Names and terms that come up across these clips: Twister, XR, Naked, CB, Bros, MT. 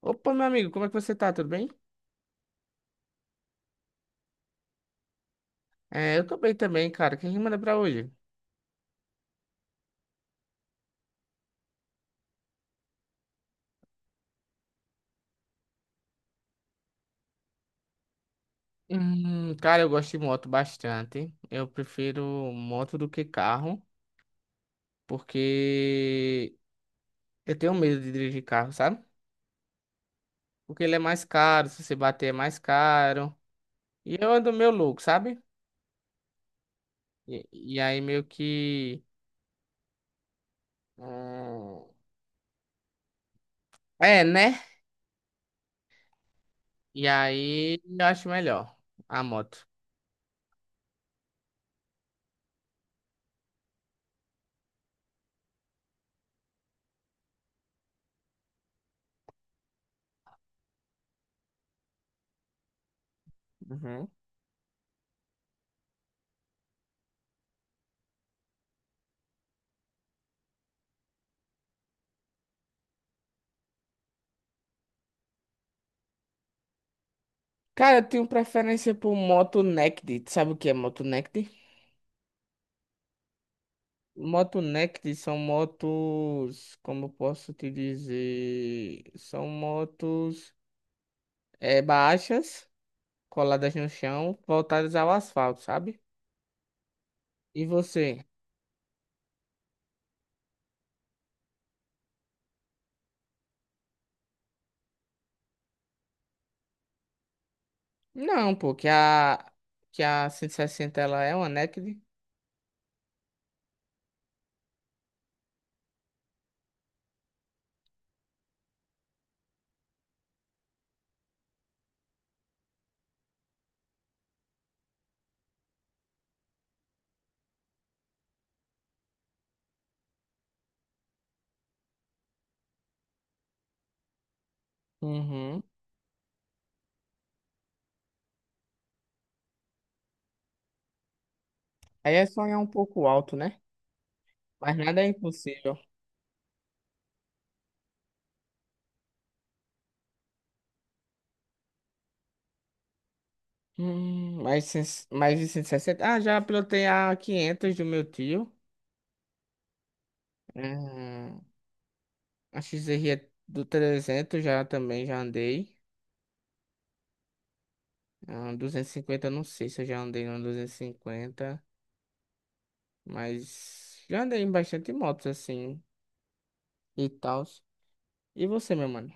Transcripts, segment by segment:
Opa, meu amigo, como é que você tá? Tudo bem? É, eu tô bem também, cara. O que a gente manda pra hoje? Cara, eu gosto de moto bastante. Eu prefiro moto do que carro, porque eu tenho medo de dirigir carro, sabe? Porque ele é mais caro, se você bater é mais caro. E eu ando meio louco, sabe? E aí meio que. Hum, é, né? E aí eu acho melhor a moto. Uhum. Cara, eu tenho preferência por moto naked. Sabe o que é moto naked? Moto Naked são motos, como eu posso te dizer, são motos baixas, coladas no chão, voltadas ao asfalto, sabe? E você? Não, pô, que a 160 ela é uma Naked. Uhum. Aí é sonhar um pouco alto, né? Mas nada é impossível. Hum, mais, cem- mais de 160. Ah, já pilotei a 500 do meu tio. Hum, a XR é do 300 já também, já andei. Ah, 250, eu não sei se eu já andei no 250, mas já andei em bastante motos assim e tal. E você, meu mano?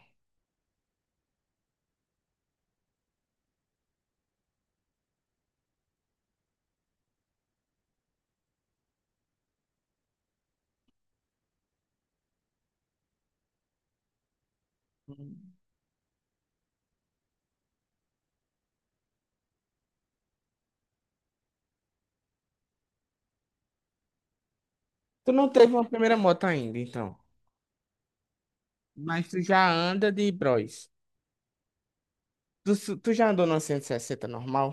Hum. Tu não teve uma primeira moto ainda, então. Mas tu já anda de Bros. Tu já andou numa 160 normal?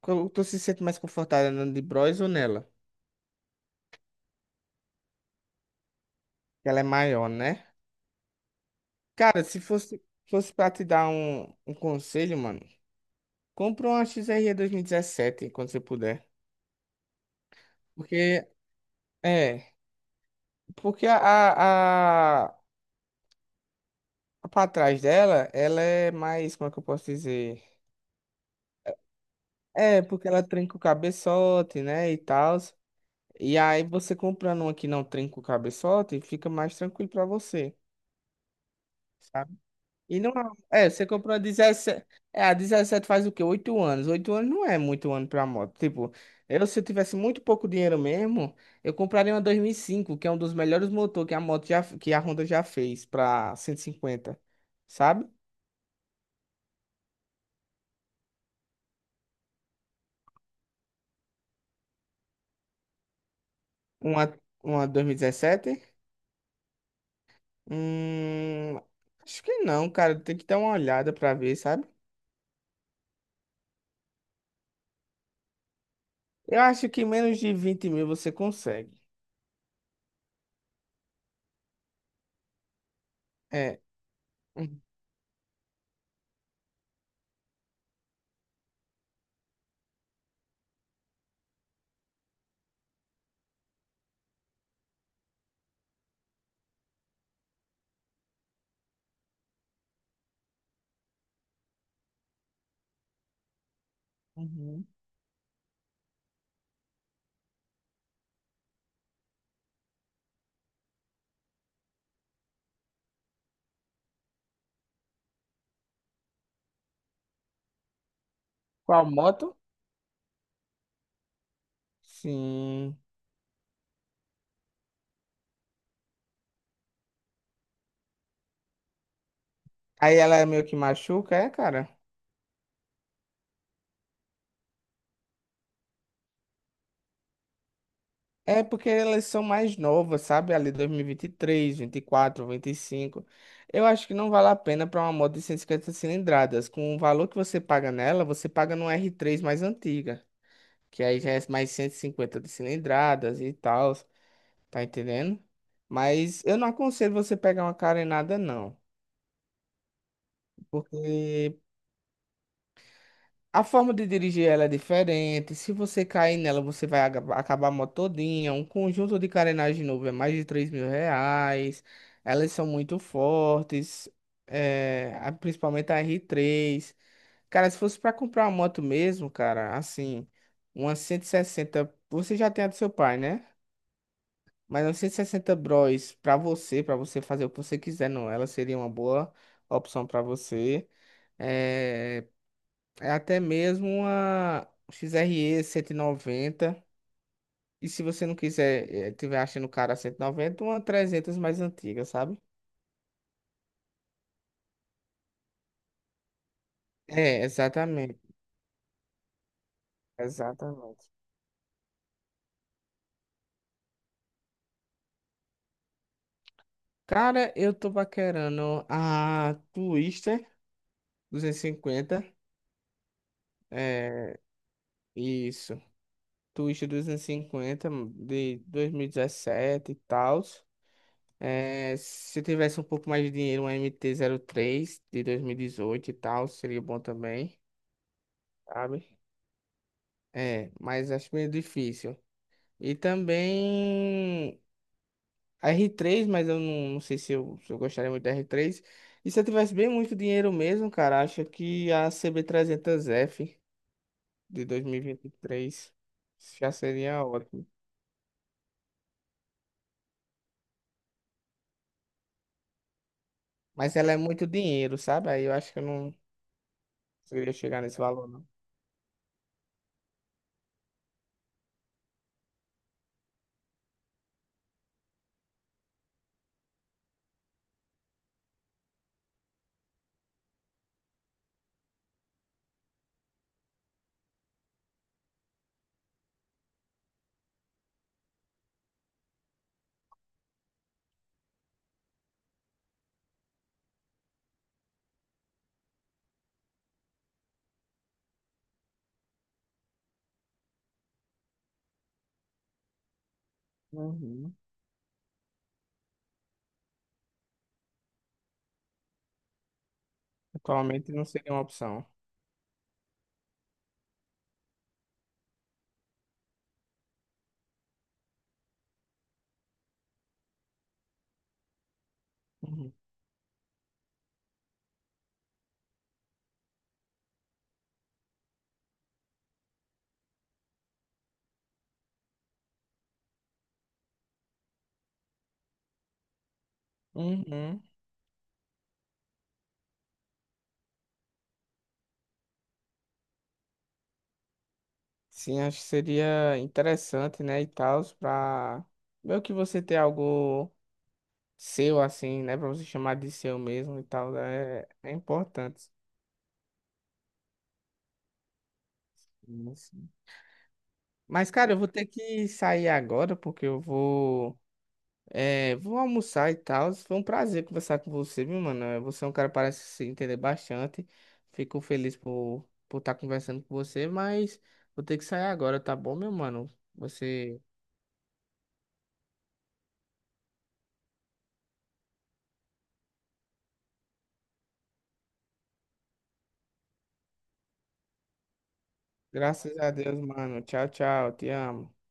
Tu se sente mais confortável andando de Bros ou nela? Que ela é maior, né? Cara, se fosse pra te dar um conselho, mano, compra uma XR e 2017 quando você puder. Porque, é. Porque a pra trás dela, ela é mais, como é que eu posso dizer? É, porque ela trinca o cabeçote, né, e tal. E aí você comprando uma que não trinca o cabeçote, fica mais tranquilo pra você, sabe? E não é, você comprou a 17, é, a 17 faz o quê? Oito anos. Oito anos não é muito ano pra moto. Tipo, eu se eu tivesse muito pouco dinheiro mesmo, eu compraria uma 2005 que é um dos melhores motores que a moto já, que a Honda já fez pra 150, sabe? Uma, uma 2017? Hum, acho que não, cara. Tem que dar uma olhada pra ver, sabe? Eu acho que menos de 20 mil você consegue. É. Uhum. Qual moto? Sim. Aí ela é meio que machuca, é, cara? É porque elas são mais novas, sabe? Ali dois mil e vinte três, quatro, vinte e cinco. Eu acho que não vale a pena para uma moto de 150 cilindradas. Com o valor que você paga nela, você paga num R3 mais antiga. Que aí já é mais 150 de cilindradas e tal, tá entendendo? Mas eu não aconselho você pegar uma carenada, não. Porque a forma de dirigir ela é diferente. Se você cair nela, você vai acabar a moto todinha. Um conjunto de carenagem novo é mais de 3 mil reais. Elas são muito fortes. É, principalmente a R3. Cara, se fosse pra comprar uma moto mesmo, cara, assim, uma 160, você já tem a do seu pai, né? Mas 960 bros pra você, fazer o que você quiser, não. Ela seria uma boa opção pra você. É, é até mesmo uma XRE 190. E 190. E se você não quiser, tiver achando cara 190, uma 300 mais antiga, sabe? É, exatamente. Exatamente. Cara, eu tô paquerando a Twister 250. É, isso. Twister 250 de 2017 e dezessete e tal. É, se eu tivesse um pouco mais de dinheiro, um MT3 de 2018 e tal, seria bom também, sabe? É, mas acho meio difícil. E também a R3, mas eu não sei se eu gostaria muito da R3. E se eu tivesse bem muito dinheiro mesmo, cara, acho que a CB300F de dois mil e vinte e três já seria ótimo. Mas ela é muito dinheiro, sabe? Aí eu acho que eu não conseguiria chegar nesse valor, não. Uhum. Atualmente não seria uma opção. Uhum. Uhum. Sim, acho que seria interessante, né, e tal, pra meio que você ter algo seu, assim, né, pra você chamar de seu mesmo e tal, é importante. Sim, sim. Mas, cara, eu vou ter que sair agora, porque eu vou, vou almoçar e tal. Foi um prazer conversar com você, viu, mano? É, você é um cara que parece se entender bastante. Fico feliz por estar conversando com você, mas vou ter que sair agora, tá bom, meu mano? Você. Graças a Deus, mano. Tchau, tchau. Te amo.